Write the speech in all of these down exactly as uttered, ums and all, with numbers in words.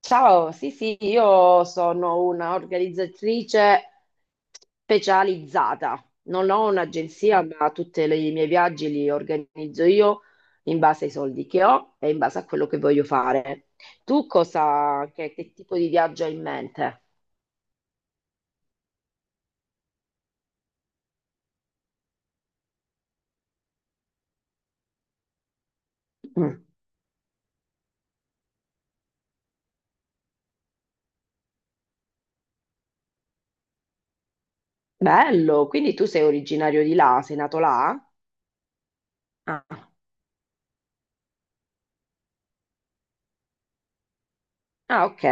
Ciao, sì, sì, io sono una organizzatrice specializzata. Non ho un'agenzia, ma tutti i miei viaggi li organizzo io in base ai soldi che ho e in base a quello che voglio fare. Tu cosa, che, che tipo di viaggio hai in mente? Mm, Bello, quindi tu sei originario di là, sei nato là? Ah, ah, ok.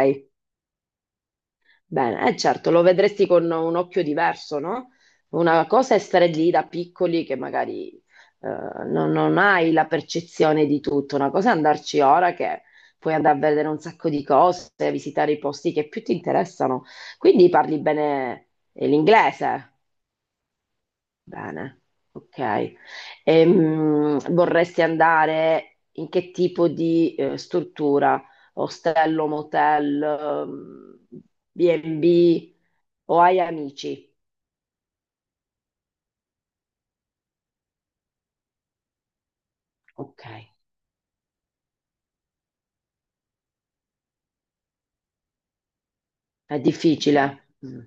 Bene, eh, certo, lo vedresti con un occhio diverso, no? Una cosa è stare lì da piccoli che magari eh, non, non hai la percezione di tutto, una cosa è andarci ora che puoi andare a vedere un sacco di cose, visitare i posti che più ti interessano. Quindi parli bene eh, l'inglese? Bene, ok. Ehm, vorresti andare in che tipo di eh, struttura? Ostello, motel, ehm, bi e bi? O hai amici? Ok, è difficile. Mm.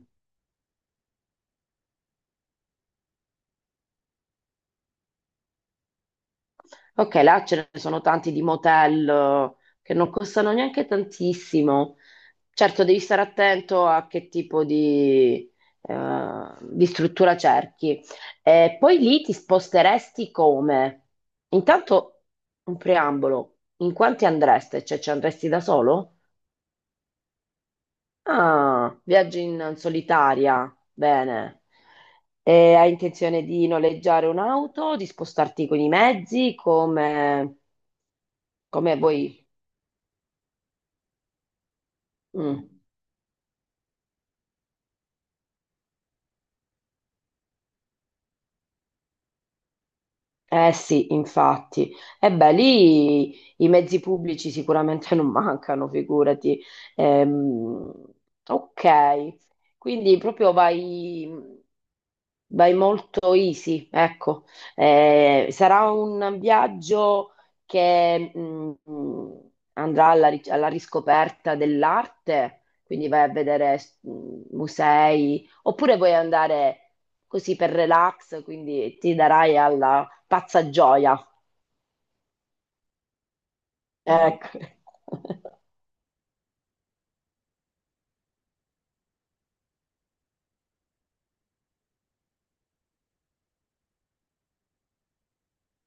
Ok, là ce ne sono tanti di motel eh, che non costano neanche tantissimo. Certo, devi stare attento a che tipo di, eh, di struttura cerchi. E poi lì ti sposteresti come? Intanto un preambolo, in quanti andreste? Cioè ci andresti da solo? Ah, viaggi in solitaria, bene. E hai intenzione di noleggiare un'auto, di spostarti con i mezzi, come, come vuoi? Mm. Eh sì, infatti. E beh, lì i mezzi pubblici sicuramente non mancano, figurati. Ehm, ok, quindi proprio vai. Vai molto easy, ecco. Eh, sarà un viaggio che mh, mh, andrà alla, ri- alla riscoperta dell'arte, quindi vai a vedere mh, musei, oppure vuoi andare così per relax, quindi ti darai alla pazza gioia. Ecco.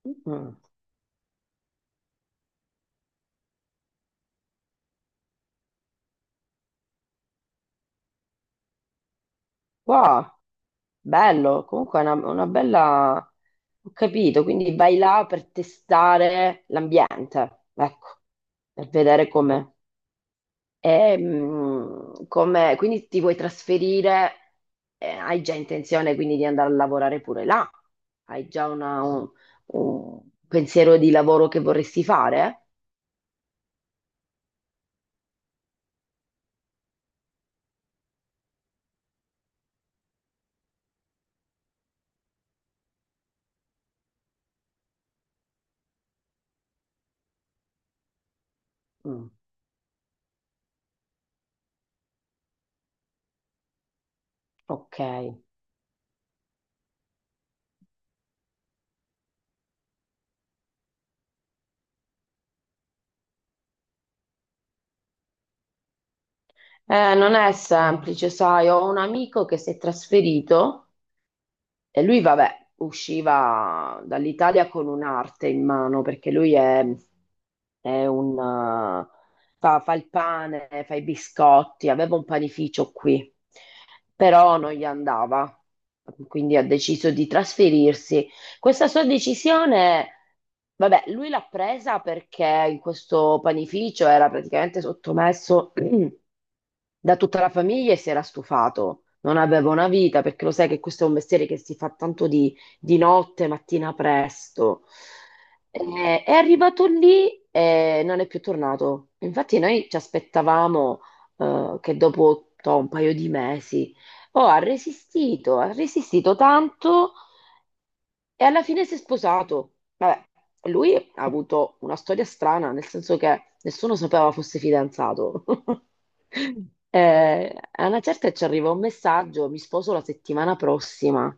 Mm. Wow, bello, comunque è una, una bella. Ho capito, quindi vai là per testare l'ambiente, ecco, per vedere com'è. E, mm, come- quindi ti vuoi trasferire, eh, hai già intenzione quindi di andare a lavorare pure là? Hai già una- un, un pensiero di lavoro che vorresti fare? Mm, ok. Eh, non è semplice, sai, ho un amico che si è trasferito. E lui, vabbè, usciva dall'Italia con un'arte in mano perché lui è, è un, eh, fa, fa il pane, fa i biscotti, aveva un panificio qui, però non gli andava, quindi ha deciso di trasferirsi. Questa sua decisione, vabbè, lui l'ha presa perché in questo panificio era praticamente sottomesso da tutta la famiglia e si era stufato. Non aveva una vita perché lo sai che questo è un mestiere che si fa tanto di, di notte, mattina presto. Eh, è arrivato lì e non è più tornato. Infatti noi ci aspettavamo eh, che dopo toh, un paio di mesi, oh, ha resistito, ha resistito tanto e alla fine si è sposato. Vabbè, lui ha avuto una storia strana, nel senso che nessuno sapeva fosse fidanzato. Eh, a una certa ci arriva un messaggio, mi sposo la settimana prossima.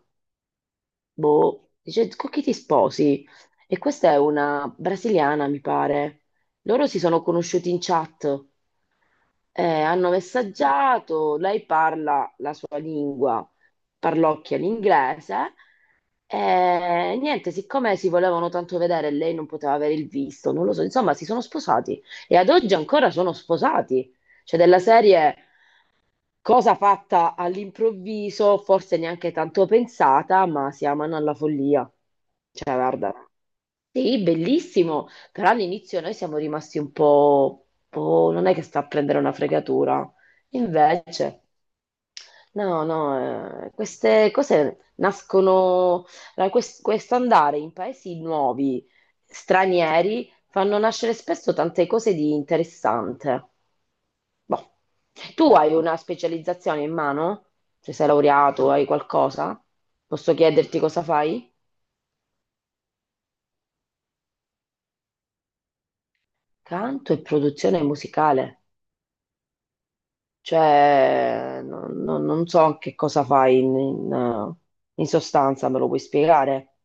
Boh, dice, con chi ti sposi? E questa è una brasiliana, mi pare. Loro si sono conosciuti in chat. Eh, hanno messaggiato, lei parla la sua lingua, parlocchia l'inglese. E niente, siccome si volevano tanto vedere e lei non poteva avere il visto, non lo so, insomma, si sono sposati e ad oggi ancora sono sposati. Cioè, della serie cosa fatta all'improvviso, forse neanche tanto pensata, ma si amano alla follia. Cioè, guarda. Sì, bellissimo, però all'inizio noi siamo rimasti un po', "Oh, non è che sta a prendere una fregatura. Invece, no, no, eh, queste cose nascono, allora, quest- questo andare in paesi nuovi, stranieri, fanno nascere spesso tante cose di interessante. Boh. Tu hai una specializzazione in mano? Se sei laureato, hai qualcosa? Posso chiederti cosa fai? Canto e produzione musicale. Cioè, no- no- non so che cosa fai in, in- in sostanza, me lo puoi spiegare?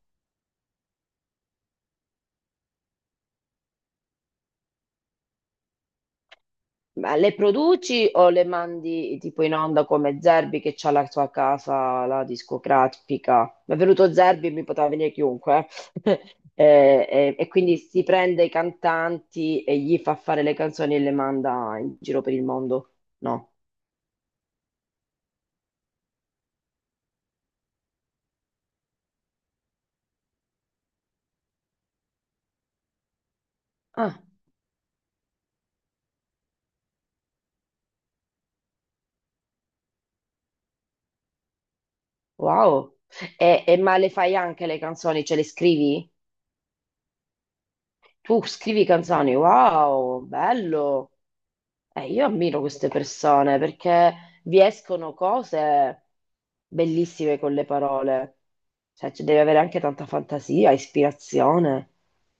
Ma le produci o le mandi tipo in onda come Zerbi che c'ha la sua casa, la discografica? Mi è venuto Zerbi, e mi poteva venire chiunque. eh. E, e- e quindi si prende i cantanti e gli fa fare le canzoni e le manda in giro per il mondo? No. Ah, wow. E, e ma le fai anche le canzoni, ce le scrivi? Tu scrivi canzoni, wow, bello. Eh, io ammiro queste persone perché vi escono cose bellissime con le parole. Cioè, ci devi avere anche tanta fantasia, ispirazione.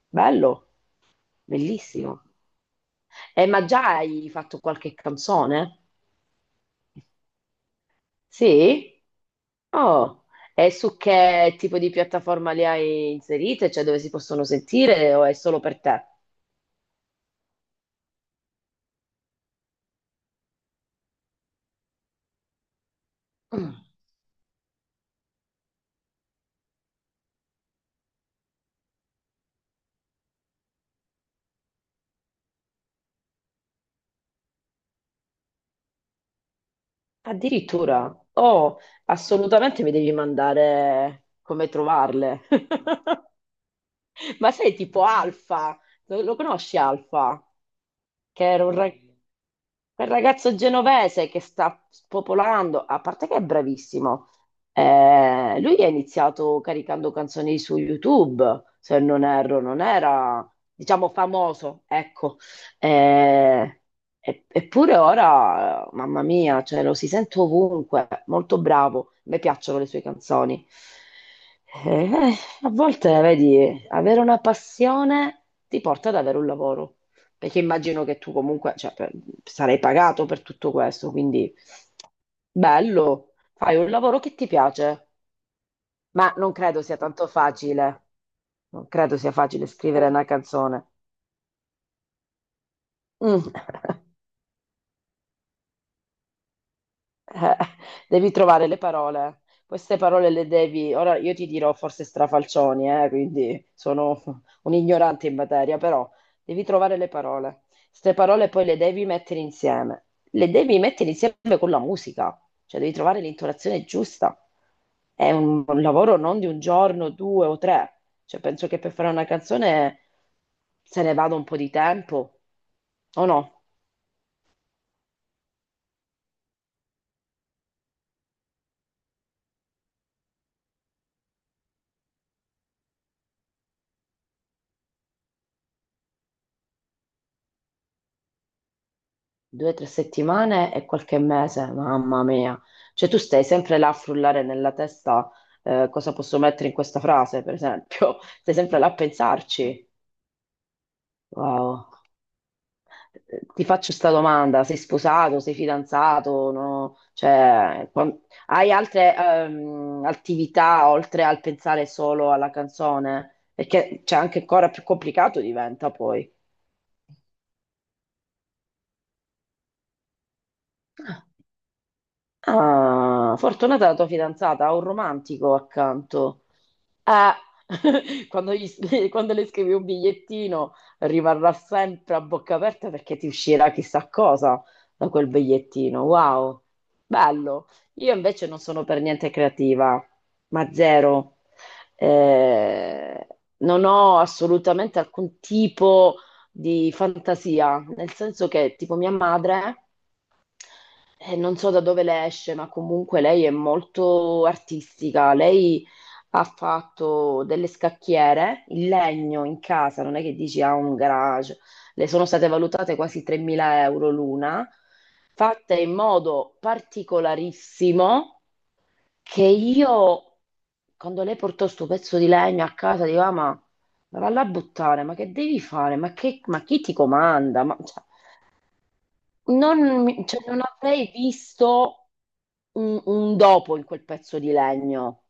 Bello, bellissimo. Eh, ma già hai fatto qualche canzone? Sì? Oh, e su che tipo di piattaforma le hai inserite? Cioè, dove si possono sentire o è solo per te? Mm. Addirittura, oh, assolutamente mi devi mandare come trovarle. Ma sei tipo Alfa, lo, lo conosci Alfa? Che era un, ra- Quindi, quel ragazzo genovese che sta spopolando, a parte che è bravissimo. Eh, lui ha iniziato caricando canzoni su YouTube, se non erro, non era, diciamo, famoso, ecco. Eh, e- Eppure ora, mamma mia, cioè, lo si sente ovunque, molto bravo, mi piacciono le sue canzoni. Eh, A volte, vedi, avere una passione ti porta ad avere un lavoro. Perché immagino che tu comunque, cioè, per- sarai pagato per tutto questo, quindi bello, fai un lavoro che ti piace, ma non credo sia tanto facile, non credo sia facile scrivere una canzone. Mm. Eh, Devi trovare le parole. Queste parole le devi. Ora io ti dirò forse strafalcioni, eh, quindi sono un ignorante in materia, però devi trovare le parole. Queste parole poi le devi mettere insieme. Le devi mettere insieme con la musica, cioè devi trovare l'intonazione giusta. È un, un lavoro non di un giorno, due o tre. Cioè, penso che per fare una canzone se ne vada un po' di tempo, o no? Due o tre settimane e qualche mese, mamma mia. Cioè tu stai sempre là a frullare nella testa eh, cosa posso mettere in questa frase, per esempio. Stai sempre là a pensarci. Wow. Eh, Ti faccio questa domanda, sei sposato, sei fidanzato, no? Cioè, qua- hai altre ehm, attività oltre al pensare solo alla canzone? Perché c'è anche ancora più complicato diventa poi. Ah, fortunata la tua fidanzata, ha un romantico accanto. Eh, quando, gli scrivi- quando le scrivi un bigliettino rimarrà sempre a bocca aperta perché ti uscirà chissà cosa da quel bigliettino. Wow, bello. Io invece non sono per niente creativa, ma zero. Eh, Non ho assolutamente alcun tipo di fantasia, nel senso che tipo mia madre eh, non so da dove le esce, ma comunque lei è molto artistica. Lei ha fatto delle scacchiere in legno in casa, non è che dici ha un garage. Le sono state valutate quasi tremila euro l'una, fatte in modo particolarissimo che io, quando lei portò sto pezzo di legno a casa, dico, "Ah, ma, ma valla a buttare, ma che devi fare? Ma, che- ma chi ti comanda? Ma, cioè, non, mi- cioè, non avrei visto un, un dopo in quel pezzo di legno.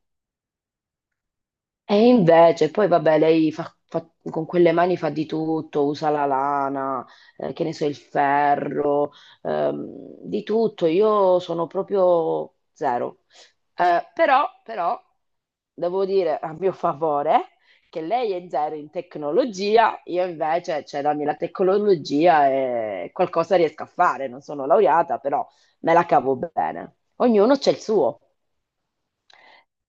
E invece, poi vabbè, lei fa, fa- con quelle mani fa di tutto, usa la lana, eh, che ne so, il ferro, ehm, di tutto. Io sono proprio zero. Eh, però, però, devo dire a mio favore che lei è zero in tecnologia, io invece, cioè, dammi la tecnologia e qualcosa riesco a fare. Non sono laureata, però me la cavo bene. Ognuno c'è il suo.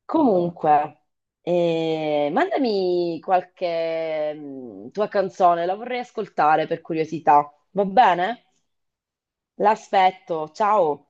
Comunque, eh, mandami qualche mm, tua canzone, la vorrei ascoltare per curiosità. Va bene? L'aspetto, ciao!